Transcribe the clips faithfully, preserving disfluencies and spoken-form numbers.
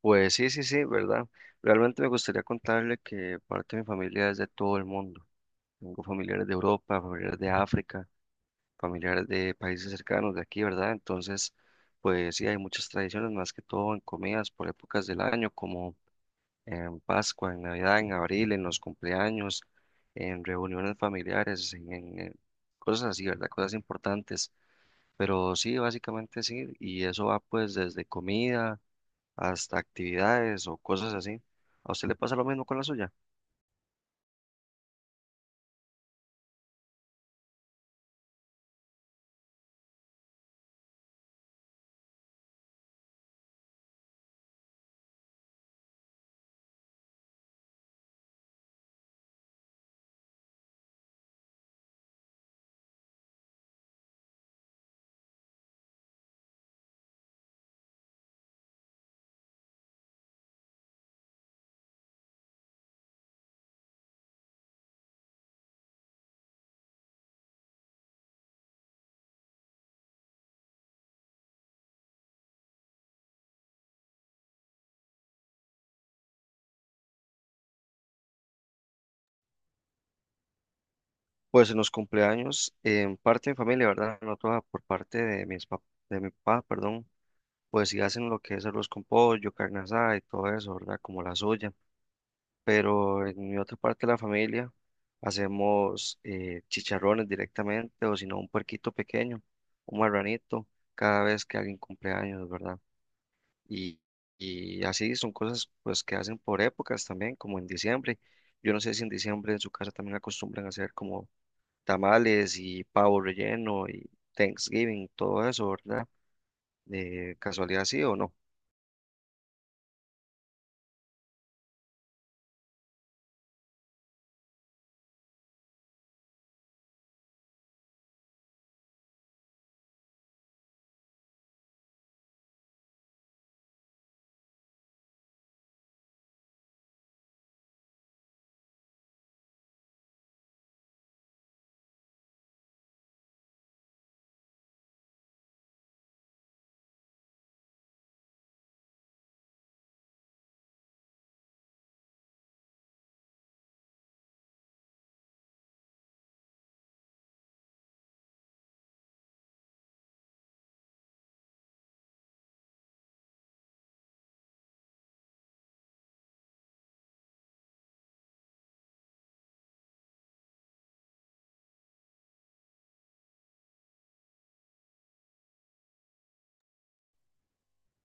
Pues sí, sí, sí, ¿verdad? Realmente me gustaría contarle que parte de mi familia es de todo el mundo. Tengo familiares de Europa, familiares de África, familiares de países cercanos de aquí, ¿verdad? Entonces, pues sí, hay muchas tradiciones, más que todo en comidas por épocas del año, como en Pascua, en Navidad, en abril, en los cumpleaños, en reuniones familiares, en, en- en cosas así, ¿verdad? Cosas importantes. Pero sí, básicamente sí, y eso va pues desde comida hasta actividades o cosas así. ¿A usted le pasa lo mismo con la suya? Pues en los cumpleaños, en parte de mi familia, ¿verdad? No toda, por parte de mis pap- de mi papá, perdón, pues sí hacen lo que es arroz con pollo, carne asada y todo eso, ¿verdad? Como la suya. Pero en mi otra parte de la familia hacemos eh, chicharrones directamente o si no un puerquito pequeño, un marranito, cada vez que alguien cumpleaños, ¿verdad? Y, y así son cosas pues que hacen por épocas también, como en diciembre. Yo no sé si en diciembre en su casa también acostumbran a hacer como tamales y pavo relleno y Thanksgiving, todo eso, ¿verdad? De casualidad sí o no.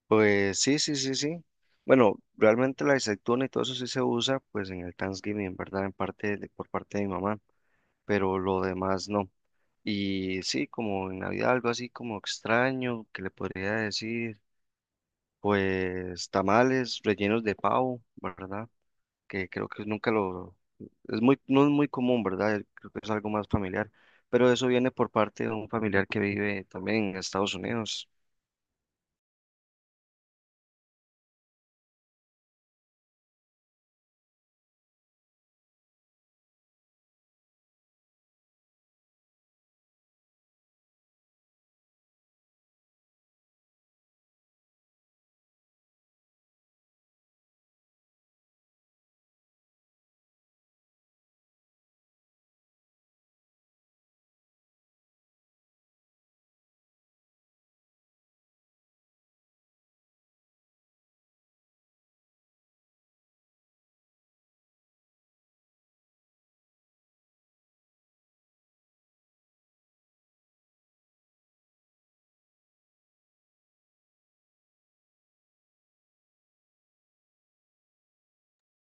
Pues sí, sí, sí, sí. Bueno, realmente la aceituna y todo eso sí se usa pues en el Thanksgiving, ¿verdad? En parte de- por parte de mi mamá, pero lo demás no. Y sí, como en Navidad algo así como extraño que le podría decir, pues tamales rellenos de pavo, ¿verdad? Que creo que nunca lo, es muy, no es muy común, ¿verdad? Creo que es algo más familiar, pero eso viene por parte de un familiar que vive también en Estados Unidos.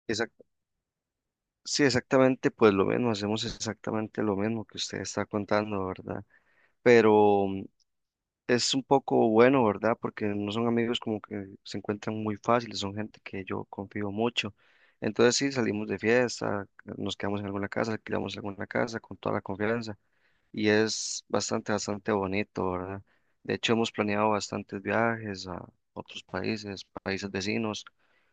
Exact- sí, exactamente, pues lo mismo, hacemos exactamente lo mismo que usted está contando, ¿verdad? Pero es un poco bueno, ¿verdad? Porque no son amigos como que se encuentran muy fáciles, son gente que yo confío mucho. Entonces sí, salimos de fiesta, nos quedamos en alguna casa, alquilamos alguna casa con toda la confianza y es bastante, bastante bonito, ¿verdad? De hecho, hemos planeado bastantes viajes a otros países, países vecinos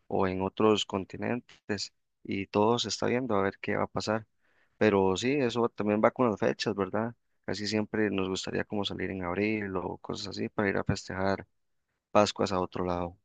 o en otros continentes y todo se está viendo a ver qué va a pasar. Pero sí, eso también va con las fechas, ¿verdad? Casi siempre nos gustaría como salir en abril o cosas así para ir a festejar Pascuas a otro lado.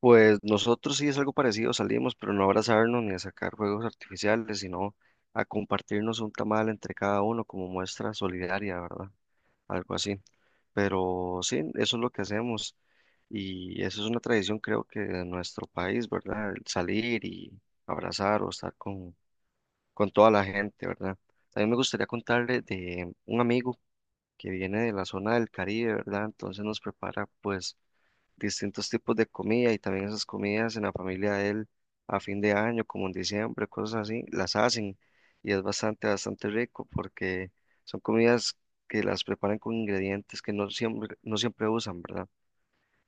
Pues nosotros sí es algo parecido, salimos, pero no a abrazarnos ni a sacar juegos artificiales, sino a compartirnos un tamal entre cada uno como muestra solidaria, ¿verdad? Algo así. Pero sí, eso es lo que hacemos y eso es una tradición creo que de nuestro país, ¿verdad? El salir y abrazar o estar con con toda la gente, ¿verdad? También me gustaría contarle de un amigo que viene de la zona del Caribe, ¿verdad? Entonces nos prepara pues distintos tipos de comida y también esas comidas en la familia de él a fin de año, como en diciembre, cosas así, las hacen y es bastante, bastante rico porque son comidas que las preparan con ingredientes que no siempre, no siempre usan, ¿verdad?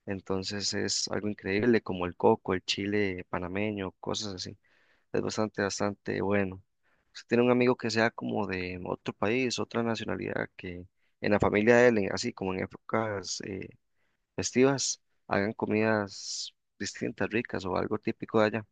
Entonces es algo increíble como el coco, el chile panameño, cosas así. Es bastante, bastante bueno. Usted tiene un amigo que sea como de otro país, otra nacionalidad, que en la familia de él, en- así como en épocas eh, festivas, hagan comidas distintas, ricas o algo típico de allá.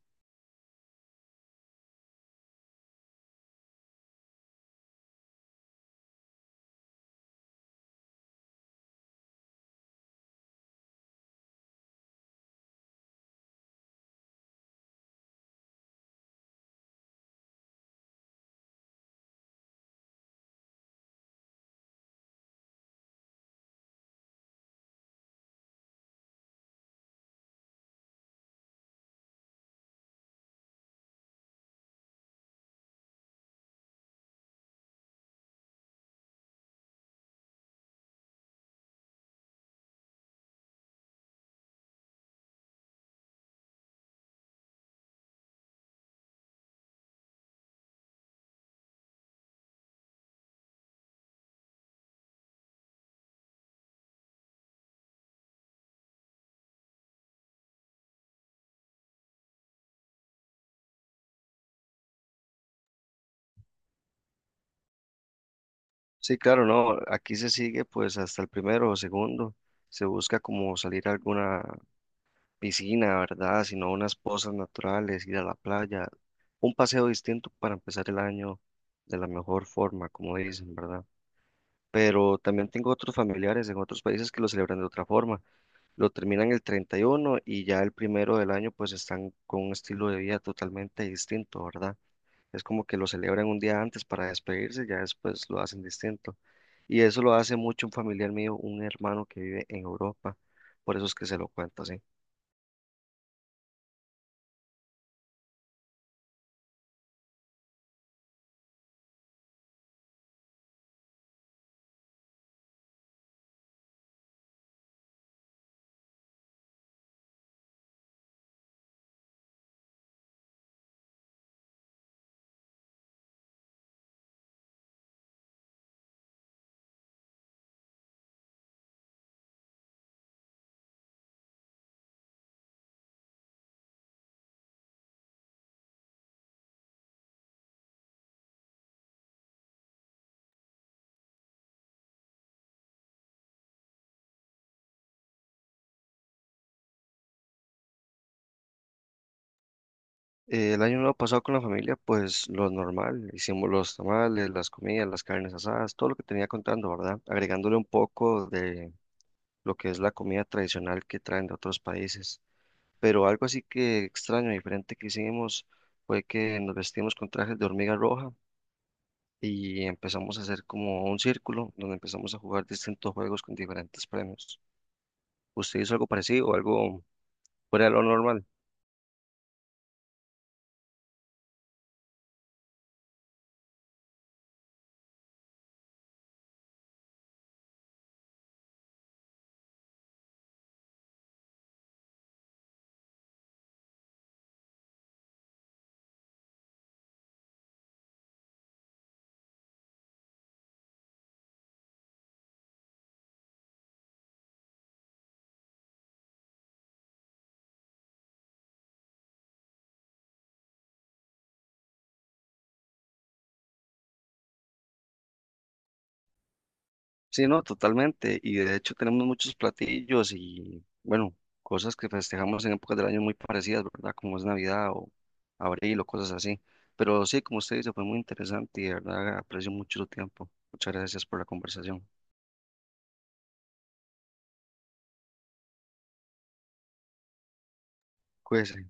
Sí, claro, no, aquí se sigue pues hasta el primero o segundo, se busca como salir a alguna piscina, ¿verdad? Sino unas pozas naturales, ir a la playa, un paseo distinto para empezar el año de la mejor forma, como dicen, ¿verdad? Pero también tengo otros familiares en otros países que lo celebran de otra forma. Lo terminan el treinta y uno y uno y ya el primero del año pues están con un estilo de vida totalmente distinto, ¿verdad? Es como que lo celebran un día antes para despedirse ya después lo hacen distinto. Y eso lo hace mucho un familiar mío, un hermano que vive en Europa. Por eso es que se lo cuento así. Eh, el año nuevo pasado con la familia, pues lo normal, hicimos los tamales, las comidas, las carnes asadas, todo lo que tenía contando, ¿verdad? Agregándole un poco de lo que es la comida tradicional que traen de otros países. Pero algo así que extraño, diferente que hicimos fue que nos vestimos con trajes de hormiga roja y empezamos a hacer como un círculo donde empezamos a jugar distintos juegos con diferentes premios. ¿Usted hizo algo parecido o algo fuera de lo normal? Sí, no, totalmente. Y de hecho tenemos muchos platillos y, bueno, cosas que festejamos en épocas del año muy parecidas, ¿verdad? Como es Navidad o abril o cosas así. Pero sí, como usted dice, fue muy interesante y de verdad aprecio mucho su tiempo. Muchas gracias por la conversación. Cuídese.